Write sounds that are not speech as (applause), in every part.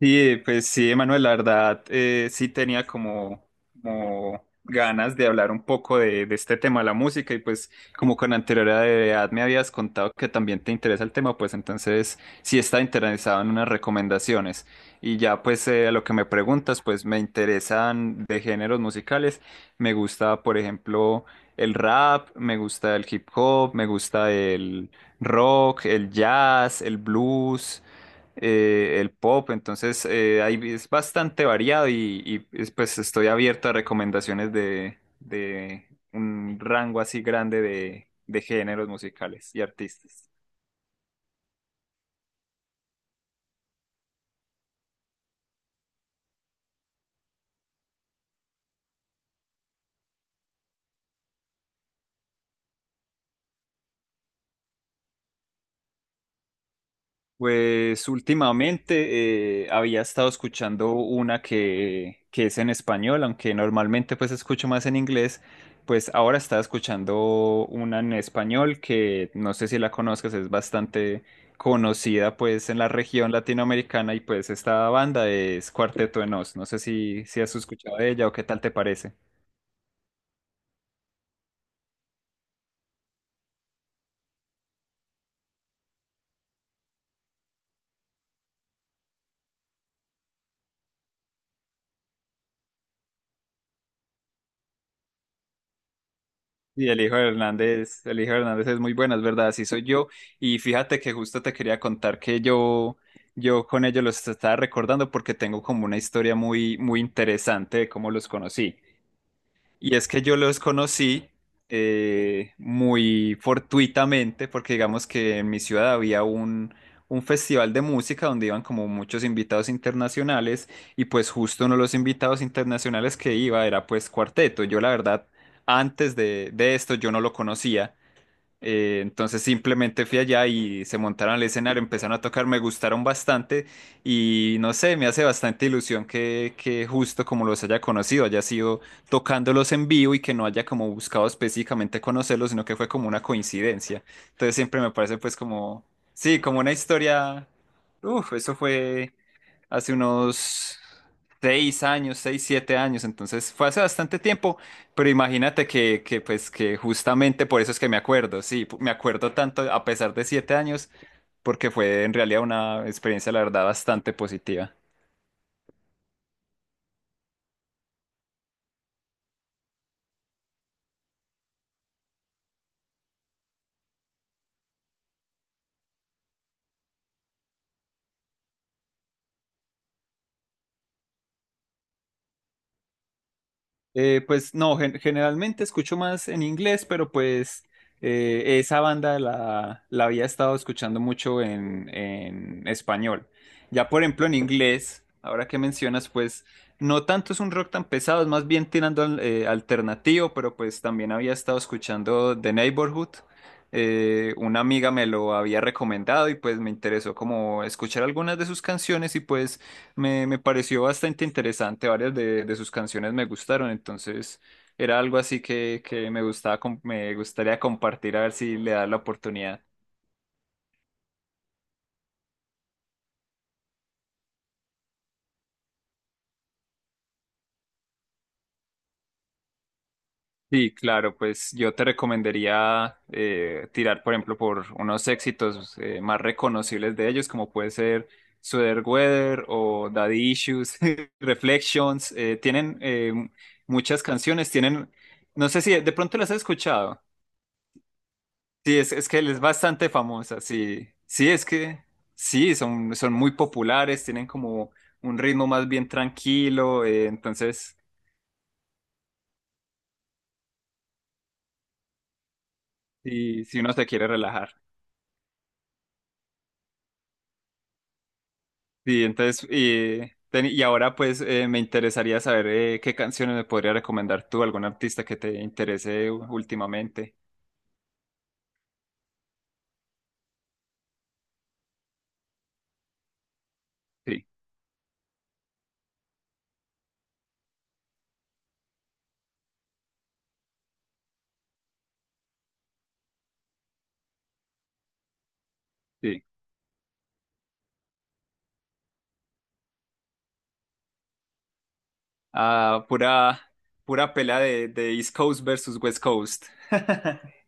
Sí, pues sí, Emanuel, la verdad, sí tenía como, como ganas de hablar un poco de este tema de la música y pues como con anterioridad me habías contado que también te interesa el tema, pues entonces sí está interesado en unas recomendaciones. Y ya pues a lo que me preguntas, pues me interesan de géneros musicales, me gusta por ejemplo el rap, me gusta el hip hop, me gusta el rock, el jazz, el blues el pop, entonces ahí es bastante variado y pues estoy abierto a recomendaciones de un rango así grande de géneros musicales y artistas. Pues últimamente había estado escuchando una que es en español, aunque normalmente pues escucho más en inglés, pues ahora estaba escuchando una en español que no sé si la conozcas, es bastante conocida pues en la región latinoamericana y pues esta banda es Cuarteto de Nos, no sé si has escuchado de ella o qué tal te parece. Y el hijo de Hernández, el hijo de Hernández es muy bueno, es verdad, así soy yo. Y fíjate que justo te quería contar que yo con ellos los estaba recordando porque tengo como una historia muy, muy interesante de cómo los conocí. Y es que yo los conocí muy fortuitamente, porque digamos que en mi ciudad había un festival de música donde iban como muchos invitados internacionales, y pues justo uno de los invitados internacionales que iba era pues Cuarteto. Yo la verdad, antes de esto yo no lo conocía, entonces simplemente fui allá y se montaron al escenario, empezaron a tocar, me gustaron bastante y no sé, me hace bastante ilusión que justo como los haya conocido, haya sido tocándolos en vivo y que no haya como buscado específicamente conocerlos, sino que fue como una coincidencia. Entonces siempre me parece pues como, sí, como una historia, uff, eso fue hace unos seis años, seis, siete años, entonces fue hace bastante tiempo, pero imagínate que pues, que justamente por eso es que me acuerdo, sí, me acuerdo tanto a pesar de siete años, porque fue en realidad una experiencia, la verdad, bastante positiva. Pues no, generalmente escucho más en inglés, pero pues esa banda la había estado escuchando mucho en español. Ya por ejemplo en inglés, ahora que mencionas, pues no tanto es un rock tan pesado, es más bien tirando al alternativo, pero pues también había estado escuchando The Neighborhood. Una amiga me lo había recomendado y pues me interesó como escuchar algunas de sus canciones y pues... Me pareció bastante interesante, varias de sus canciones me gustaron, entonces era algo así que me gustaba, me gustaría compartir a ver si le das la oportunidad. Sí, claro, pues yo te recomendaría tirar, por ejemplo, por unos éxitos más reconocibles de ellos, como puede ser Sweater Weather o Daddy Issues, (laughs) Reflections, tienen muchas canciones, tienen, no sé si de pronto las has escuchado. Sí, es que él es bastante famosa, sí. Sí, es que sí, son muy populares, tienen como un ritmo más bien tranquilo, sí, si uno se quiere relajar. Sí, entonces, y, y ahora pues me interesaría saber qué canciones me podría recomendar tú, algún artista que te interese últimamente. Sí, sí. Ah, pura pelea de East Coast versus West Coast. (laughs)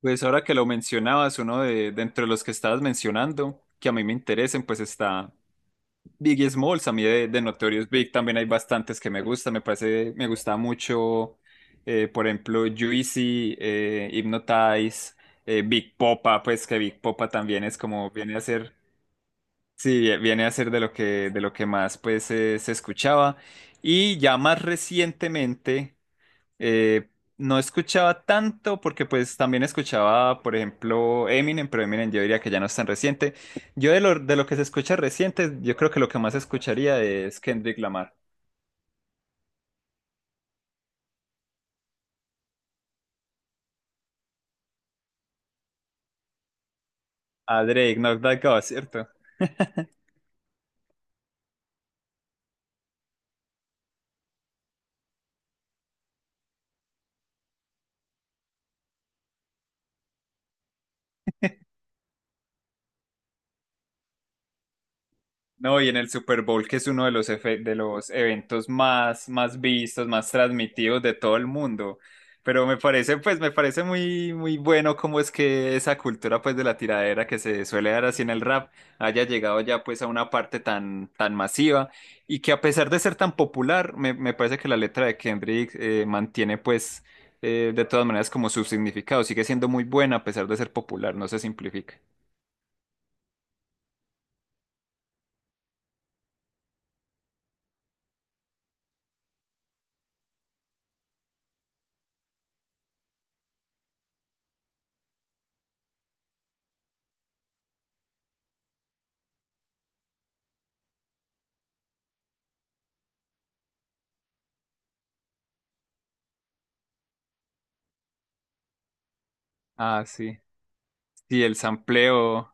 Pues ahora que lo mencionabas, uno de entre los que estabas mencionando, que a mí me interesen, pues está Biggie Smalls, a mí de Notorious Big también hay bastantes que me gustan, me parece, me gusta mucho, por ejemplo, Juicy, Hypnotize, Big Popa, pues que Big Popa también es como, viene a ser, sí, viene a ser de lo que más pues se escuchaba, y ya más recientemente... Eh, no escuchaba tanto porque pues también escuchaba, por ejemplo, Eminem, pero Eminem yo diría que ya no es tan reciente. Yo de lo que se escucha reciente, yo creo que lo que más escucharía es Kendrick Lamar. A Drake, Knock That God, ¿cierto? (laughs) No, y en el Super Bowl, que es uno de los, de los eventos más, más vistos, más transmitidos de todo el mundo. Pero me parece, pues, me parece muy, muy bueno cómo es que esa cultura, pues, de la tiradera que se suele dar así en el rap haya llegado ya, pues, a una parte tan, tan masiva y que a pesar de ser tan popular, me parece que la letra de Kendrick mantiene, pues, de todas maneras como su significado. Sigue siendo muy buena a pesar de ser popular, no se simplifica. Ah, sí. Sí, el sampleo.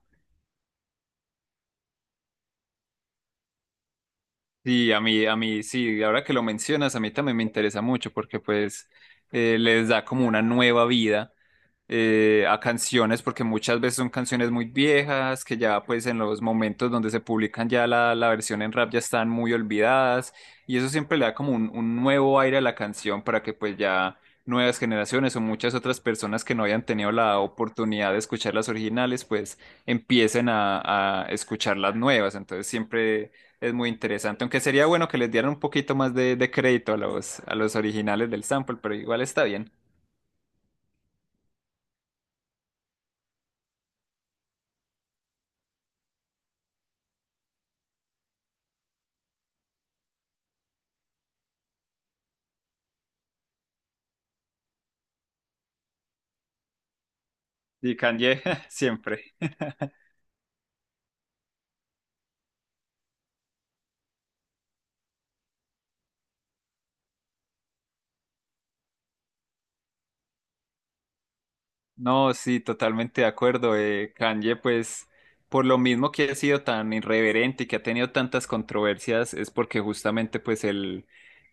Sí, a mí, sí, ahora que lo mencionas, a mí también me interesa mucho porque pues les da como una nueva vida a canciones, porque muchas veces son canciones muy viejas, que ya pues en los momentos donde se publican ya la versión en rap ya están muy olvidadas, y eso siempre le da como un nuevo aire a la canción para que pues ya nuevas generaciones o muchas otras personas que no hayan tenido la oportunidad de escuchar las originales, pues empiecen a escuchar las nuevas, entonces siempre es muy interesante, aunque sería bueno que les dieran un poquito más de crédito a los originales del sample, pero igual está bien. Y Kanye, (laughs) siempre. (laughs) No, sí, totalmente de acuerdo. Kanye, pues, por lo mismo que ha sido tan irreverente y que ha tenido tantas controversias, es porque justamente, pues, él,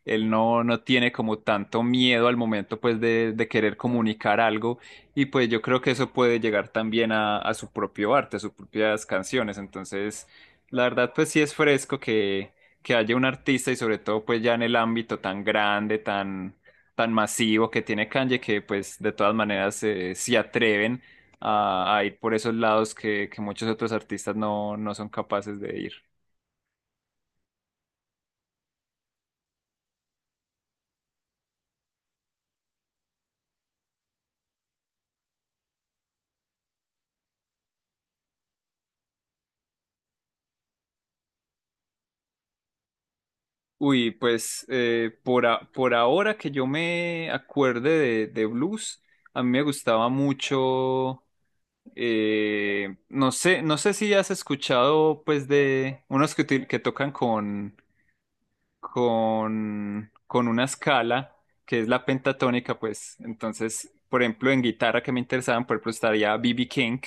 no tiene como tanto miedo al momento, pues, de querer comunicar algo. Y pues yo creo que eso puede llegar también a su propio arte, a sus propias canciones. Entonces, la verdad, pues, sí es fresco que haya un artista y sobre todo, pues, ya en el ámbito tan grande, tan masivo que tiene Kanye que pues de todas maneras se atreven a ir por esos lados que muchos otros artistas no son capaces de ir. Uy, pues por ahora que yo me acuerde de blues, a mí me gustaba mucho, no sé, no sé si has escuchado pues de unos que tocan con una escala que es la pentatónica, pues entonces, por ejemplo, en guitarra que me interesaban, por ejemplo, estaría B.B. King,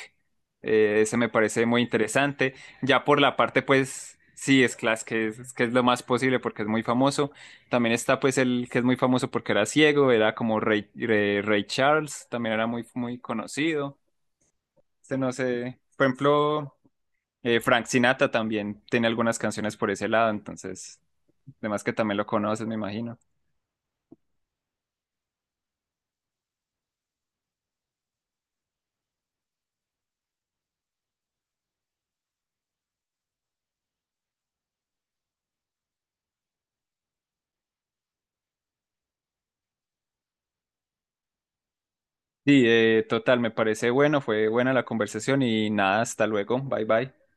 ese me parece muy interesante, ya por la parte, pues, sí, es class, que es lo más posible porque es muy famoso, también está, pues, el que es muy famoso porque era ciego, era como Ray Charles, también era muy, muy conocido, este no sé, por ejemplo... Frank Sinatra también tiene algunas canciones por ese lado, entonces además que también lo conoces, me imagino. Sí, total, me parece bueno, fue buena la conversación y nada, hasta luego, bye bye.